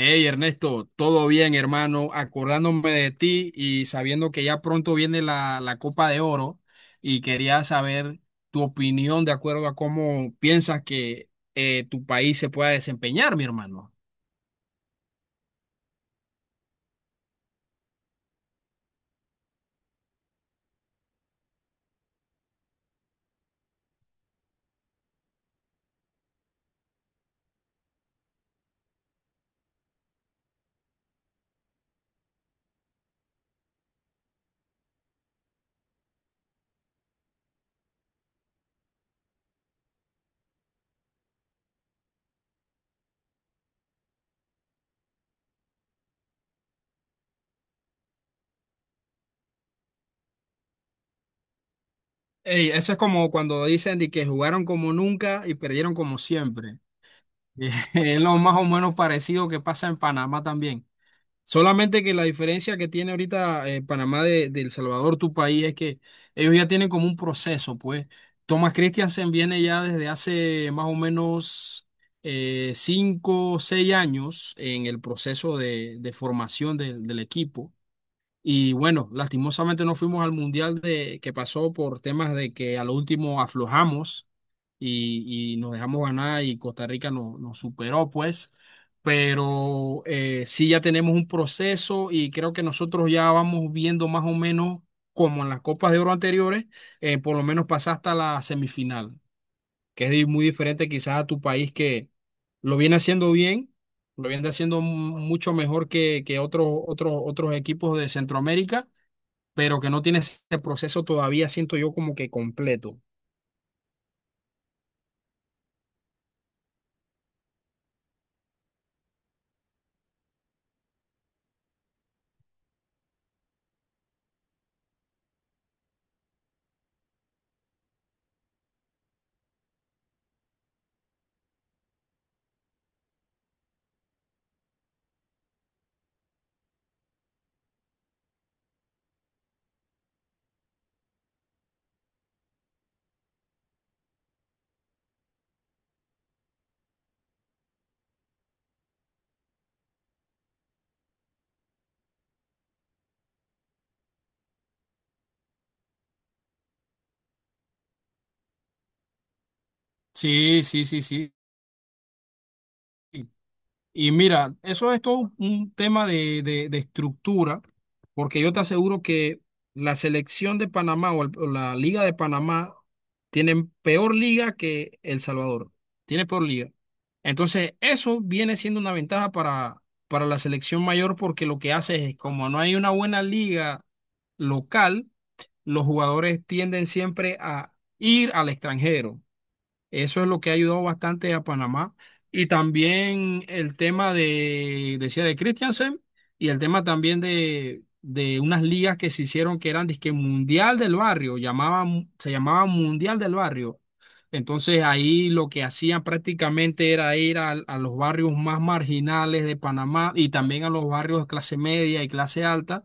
Hey Ernesto, todo bien hermano, acordándome de ti y sabiendo que ya pronto viene la Copa de Oro y quería saber tu opinión de acuerdo a cómo piensas que tu país se pueda desempeñar, mi hermano. Hey, eso es como cuando dicen de que jugaron como nunca y perdieron como siempre. Es lo más o menos parecido que pasa en Panamá también. Solamente que la diferencia que tiene ahorita Panamá de El Salvador, tu país, es que ellos ya tienen como un proceso, pues. Thomas Christiansen viene ya desde hace más o menos cinco o seis años en el proceso de formación del equipo. Y bueno, lastimosamente no fuimos al mundial de, que pasó por temas de que a lo último aflojamos y nos dejamos ganar y Costa Rica nos superó, pues. Pero sí ya tenemos un proceso y creo que nosotros ya vamos viendo más o menos como en las Copas de Oro anteriores, por lo menos pasar hasta la semifinal que es muy diferente quizás a tu país que lo viene haciendo bien, lo viene haciendo mucho mejor que otros, otros equipos de Centroamérica, pero que no tiene ese proceso todavía, siento yo, como que completo. Sí, sí, sí, sí. Y mira, eso es todo un tema de, de estructura, porque yo te aseguro que la selección de Panamá o, o la Liga de Panamá tienen peor liga que El Salvador. Tiene peor liga. Entonces, eso viene siendo una ventaja para la selección mayor, porque lo que hace es, como no hay una buena liga local, los jugadores tienden siempre a ir al extranjero. Eso es lo que ha ayudado bastante a Panamá. Y también el tema de, decía, de Christiansen y el tema también de unas ligas que se hicieron que eran dizque Mundial del Barrio, llamaban, se llamaba Mundial del Barrio. Entonces ahí lo que hacían prácticamente era ir a, los barrios más marginales de Panamá y también a los barrios de clase media y clase alta.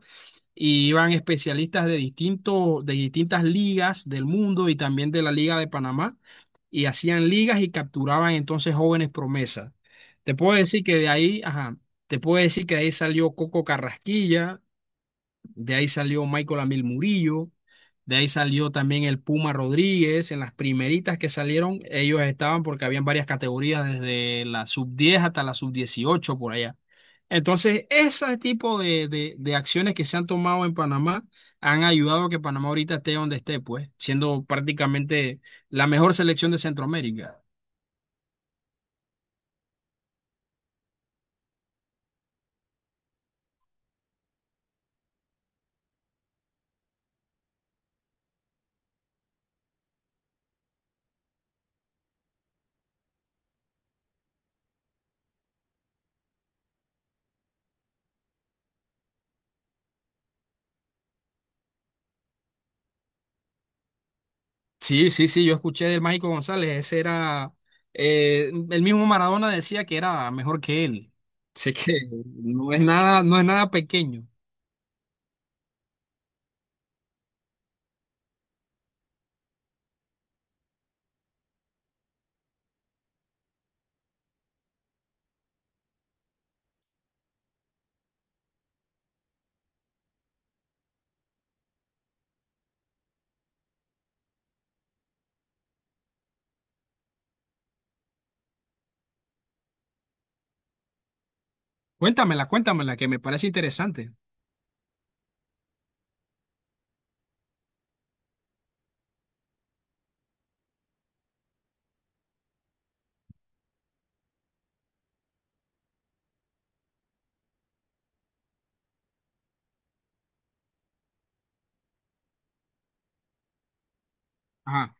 Y iban especialistas de distintos, de distintas ligas del mundo y también de la Liga de Panamá y hacían ligas y capturaban entonces jóvenes promesas. Te puedo decir que de ahí, ajá, te puedo decir que de ahí salió Coco Carrasquilla, de ahí salió Michael Amil Murillo. De ahí salió también el Puma Rodríguez. En las primeritas que salieron, ellos estaban porque habían varias categorías, desde la sub 10 hasta la sub 18 por allá. Entonces, ese tipo de, de acciones que se han tomado en Panamá han ayudado a que Panamá ahorita esté donde esté, pues, siendo prácticamente la mejor selección de Centroamérica. Sí, sí, sí, yo escuché del Mágico González, ese era, el mismo Maradona decía que era mejor que él, sé que no es nada, no es nada pequeño. Cuéntamela, cuéntamela, que me parece interesante. Ajá.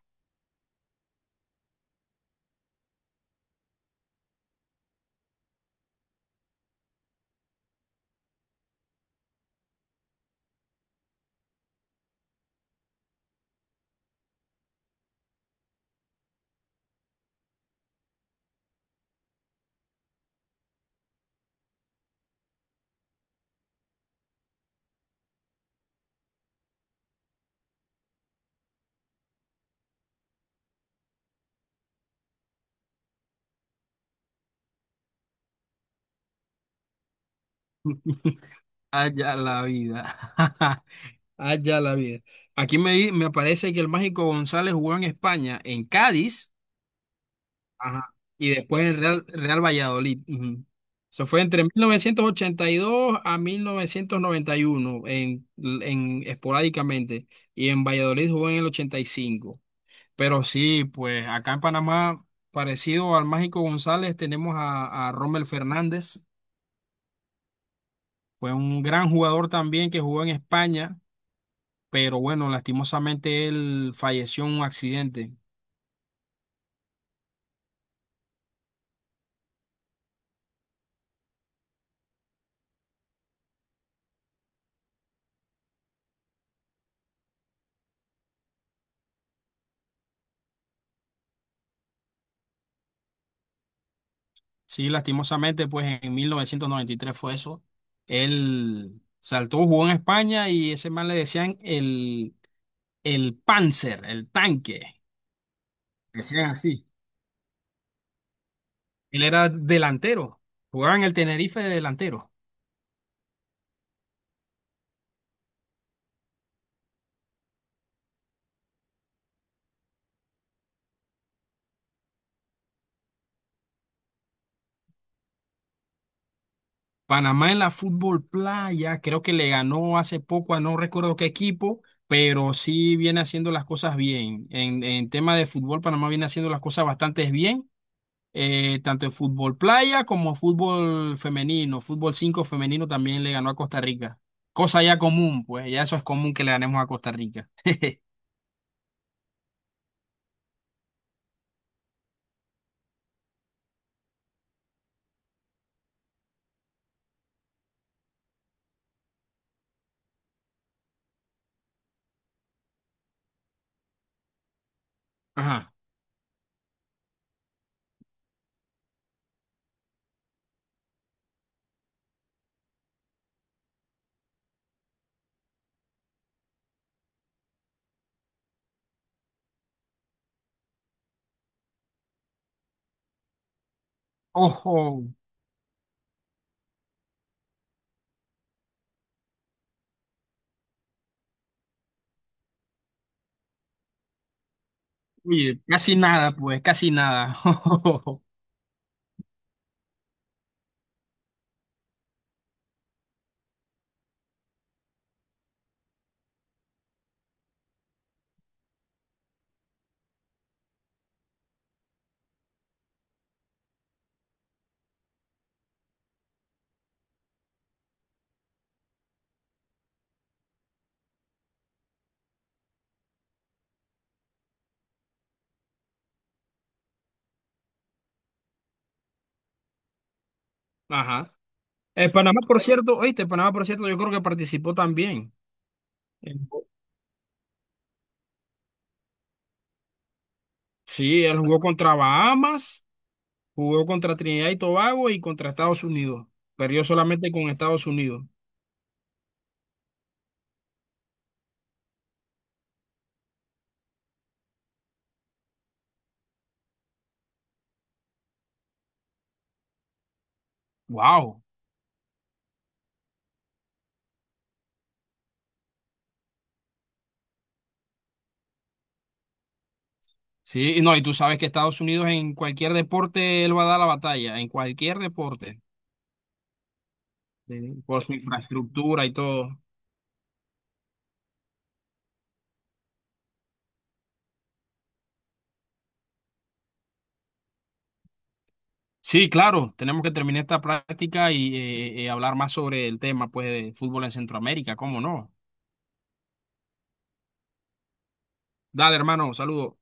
Allá la vida. Allá la vida. Aquí me, me aparece que el Mágico González jugó en España, en Cádiz. Ajá. Y después el Real, Real Valladolid. Ujú. Eso fue entre 1982 a 1991, en, esporádicamente. Y en Valladolid jugó en el 85. Pero sí, pues acá en Panamá, parecido al Mágico González, tenemos a Rommel Fernández. Fue un gran jugador también que jugó en España, pero bueno, lastimosamente él falleció en un accidente. Sí, lastimosamente, pues en 1993 fue eso. Él saltó, jugó en España y ese man le decían el Panzer, el tanque. Decían así. Él era delantero. Jugaba en el Tenerife de delantero. Panamá en la Fútbol Playa, creo que le ganó hace poco a no recuerdo qué equipo, pero sí viene haciendo las cosas bien. En tema de fútbol, Panamá viene haciendo las cosas bastante bien, tanto en fútbol playa como fútbol femenino. Fútbol 5 femenino también le ganó a Costa Rica. Cosa ya común, pues ya eso es común que le ganemos a Costa Rica. Ajá. Ojo. Oye, casi nada, pues, casi nada. Ajá. Panamá, por cierto, oíste, Panamá, por cierto, yo creo que participó también. Él jugó- Sí, él jugó contra Bahamas, jugó contra Trinidad y Tobago y contra Estados Unidos. Perdió solamente con Estados Unidos. Wow. Sí, y no, y tú sabes que Estados Unidos en cualquier deporte él va a dar la batalla, en cualquier deporte, por su infraestructura y todo. Sí, claro, tenemos que terminar esta práctica y hablar más sobre el tema, pues, de fútbol en Centroamérica, ¿cómo no? Dale, hermano, saludos.